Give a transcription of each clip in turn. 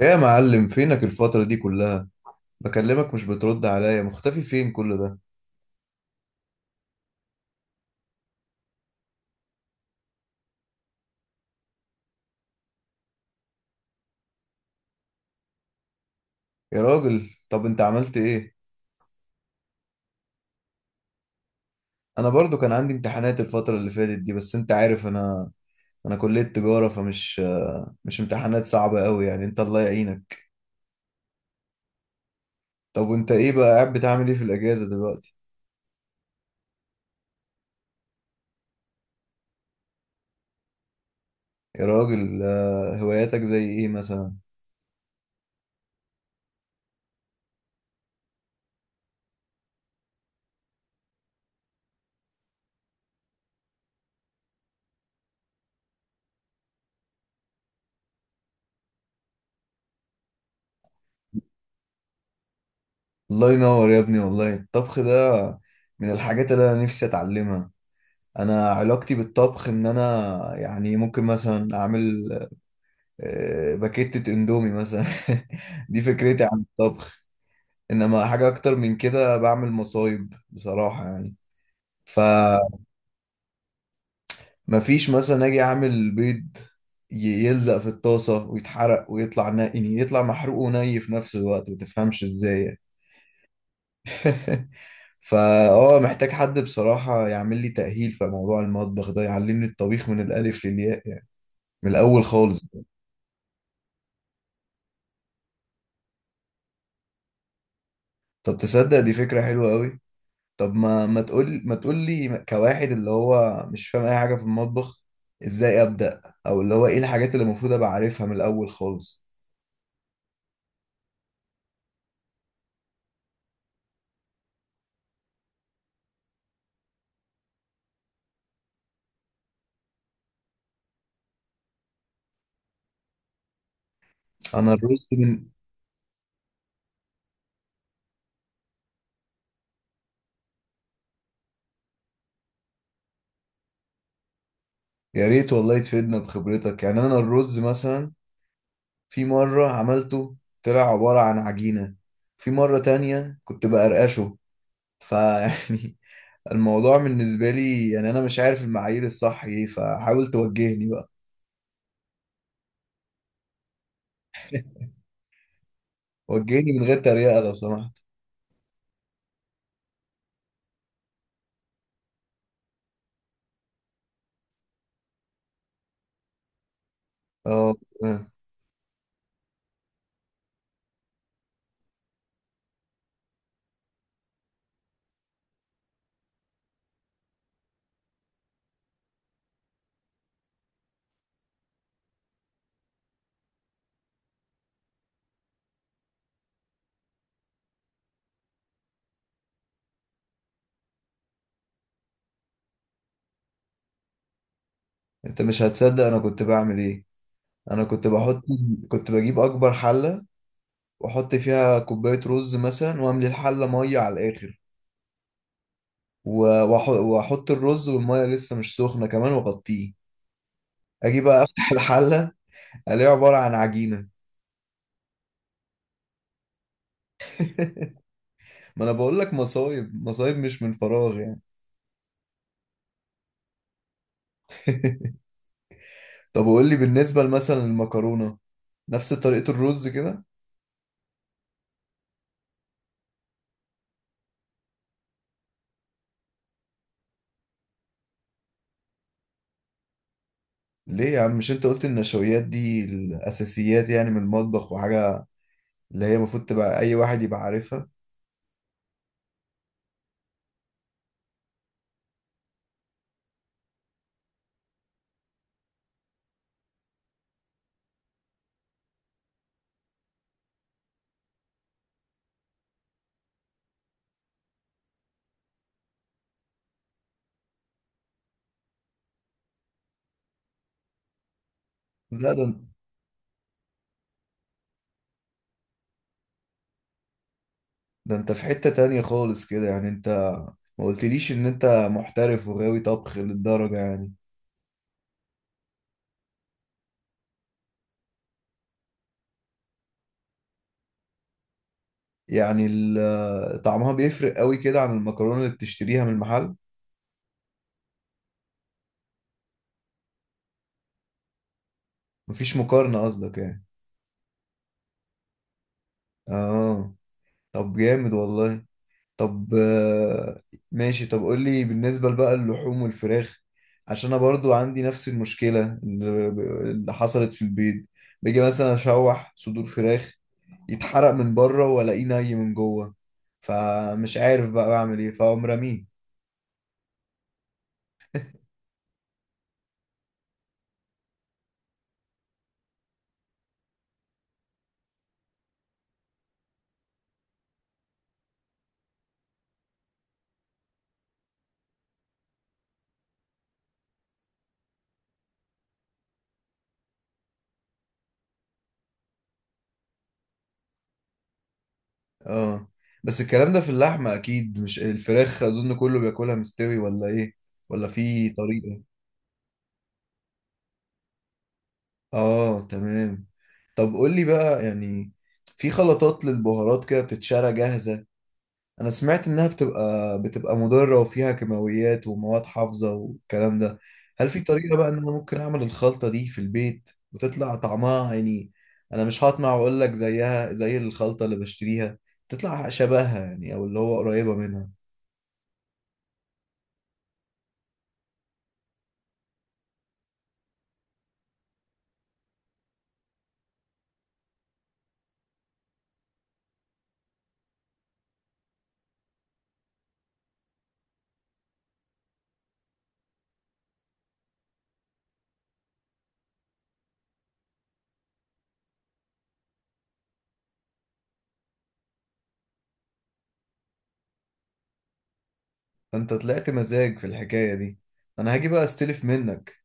ايه يا معلم، فينك الفترة دي كلها؟ بكلمك مش بترد عليا، مختفي فين كل ده؟ يا راجل، طب انت عملت ايه؟ انا برضو كان عندي امتحانات الفترة اللي فاتت دي، بس انت عارف انا كلية تجارة، فمش مش امتحانات صعبة قوي يعني، انت الله يعينك. طب وانت ايه بقى، قاعد بتعمل ايه في الاجازة دلوقتي؟ يا راجل، هواياتك زي ايه مثلا؟ الله ينور يا ابني، والله الطبخ ده من الحاجات اللي انا نفسي اتعلمها. انا علاقتي بالطبخ ان انا، يعني ممكن مثلا اعمل باكيتة اندومي مثلا. دي فكرتي عن الطبخ. انما حاجة اكتر من كده بعمل مصايب بصراحة يعني، فمفيش. مثلا اجي اعمل بيض، يلزق في الطاسة ويتحرق، ويطلع نقي، يعني يطلع محروق وني في نفس الوقت، متفهمش ازاي يعني. فا محتاج حد بصراحة يعمل لي تأهيل في موضوع المطبخ ده، يعلمني الطبيخ من الألف للياء يعني، من الأول خالص. طب تصدق دي فكرة حلوة أوي؟ طب ما تقول لي كواحد اللي هو مش فاهم اي حاجه في المطبخ، ازاي ابدا؟ او اللي هو ايه الحاجات اللي المفروض ابقى عارفها من الاول خالص؟ انا الرز من، يا ريت والله تفيدنا بخبرتك. يعني انا الرز مثلا، في مره عملته طلع عباره عن عجينه، في مره تانية كنت بقرقشه، فيعني الموضوع بالنسبه لي يعني انا مش عارف المعايير الصح ايه، فحاول توجهني بقى. وجهني من غير تريقه لو سمحت. اه، تمام. انت مش هتصدق انا كنت بعمل ايه. انا كنت بحط، كنت بجيب اكبر حله واحط فيها كوبايه رز مثلا، واملي الحله ميه على الاخر، واحط الرز والميه لسه مش سخنه كمان واغطيه. اجي بقى افتح الحله، الاقيها عباره عن عجينه. ما انا بقول لك، مصايب مصايب مش من فراغ يعني. طب قول لي بالنسبه مثلا للمكرونه، نفس طريقه الرز كده؟ ليه يا عم، مش انت قلت النشويات دي الاساسيات يعني من المطبخ وحاجه، اللي هي المفروض تبقى اي واحد يبقى عارفها؟ لا ده ده انت في حتة تانية خالص كده يعني. انت ما قلتليش ان انت محترف وغاوي طبخ للدرجة يعني. يعني ال- طعمها بيفرق قوي كده عن المكرونة اللي بتشتريها من المحل؟ مفيش مقارنة قصدك يعني؟ اه. طب جامد والله. طب ماشي. طب قول لي بالنسبة بقى اللحوم والفراخ، عشان انا برضو عندي نفس المشكلة اللي، اللي حصلت في البيض. باجي مثلا اشوح صدور فراخ، يتحرق من بره والاقيه ني من جوه، فمش عارف بقى بعمل ايه، فاقوم رميه. اه، بس الكلام ده في اللحمة اكيد مش الفراخ، اظن كله بياكلها مستوي ولا ايه؟ ولا في طريقة؟ اه، تمام. طب قول لي بقى يعني، في خلطات للبهارات كده بتتشرى جاهزة، انا سمعت انها بتبقى مضرة وفيها كيماويات ومواد حافظة والكلام ده. هل في طريقة بقى ان انا ممكن اعمل الخلطة دي في البيت وتطلع طعمها يعني، انا مش هطمع واقول لك زيها زي الخلطة اللي بشتريها، تطلع شبهها يعني، او اللي هو قريبة منها؟ انت طلعت مزاج في الحكاية دي. انا هاجي بقى استلف منك،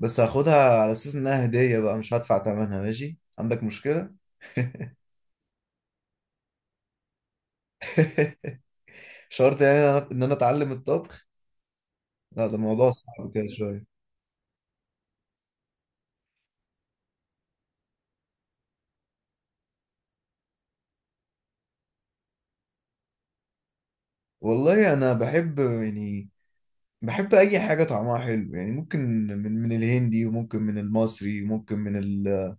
بس هاخدها على اساس انها هدية بقى، مش هدفع ثمنها. ماشي عندك مشكلة؟ شرط يعني ان انا إن أنا اتعلم الطبخ؟ لا ده الموضوع صعب كده شوية. والله انا بحب يعني، بحب اي حاجه طعمها حلو يعني. ممكن من الهندي، وممكن من المصري، وممكن من ال،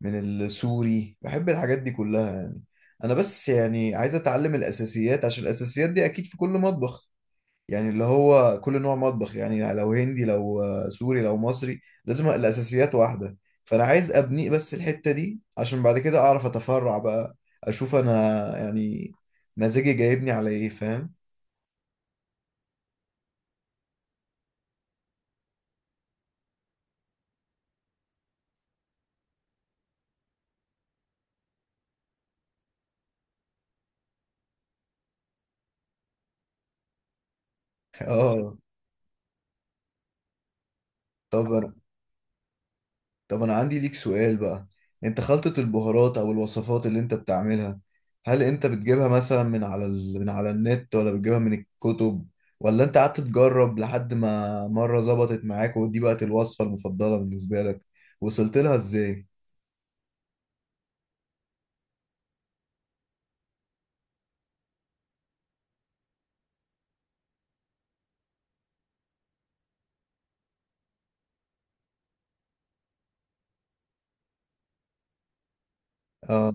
من السوري، بحب الحاجات دي كلها يعني. انا بس يعني عايز اتعلم الاساسيات، عشان الاساسيات دي اكيد في كل مطبخ، يعني اللي هو كل نوع مطبخ، يعني لو هندي لو سوري لو مصري، لازم الاساسيات واحده. فانا عايز ابني بس الحته دي، عشان بعد كده اعرف اتفرع بقى، اشوف انا يعني مزاجي جايبني على ايه، فاهم؟ اه. طب طب أنا عندي ليك سؤال بقى. أنت خلطة البهارات أو الوصفات اللي أنت بتعملها، هل أنت بتجيبها مثلا من على ال... من على النت، ولا بتجيبها من الكتب، ولا أنت قعدت تجرب لحد ما مرة ظبطت معاك ودي بقت الوصفة المفضلة بالنسبة لك؟ وصلت لها إزاي؟ آه.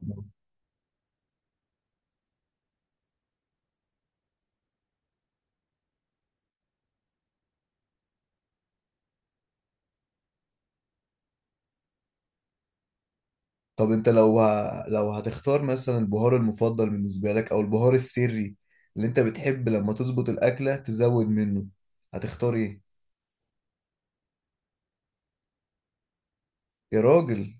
طب أنت لو ه... لو هتختار مثلا البهار المفضل بالنسبة لك أو البهار السري، اللي أنت بتحب لما تظبط الأكلة تزود منه، هتختار إيه؟ يا راجل،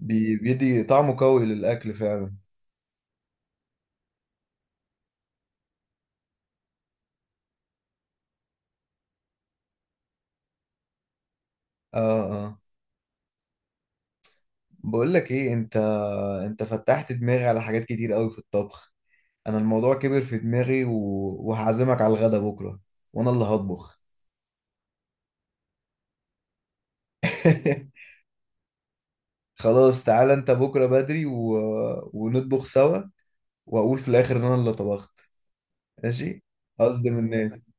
بي... بيدي طعمه قوي للأكل فعلا. اه، اه، بقول لك ايه، انت، انت فتحت دماغي على حاجات كتير قوي في الطبخ. انا الموضوع كبر في دماغي و... وهعزمك على الغدا بكره، وانا اللي هطبخ. خلاص تعالى انت بكره بدري و... ونطبخ سوا، واقول في الاخر ان انا اللي طبخت. ماشي؟ قصدي من الناس.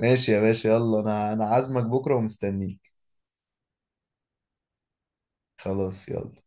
ماشي يا باشا، يلا، انا عازمك بكره ومستنيك. خلاص يلا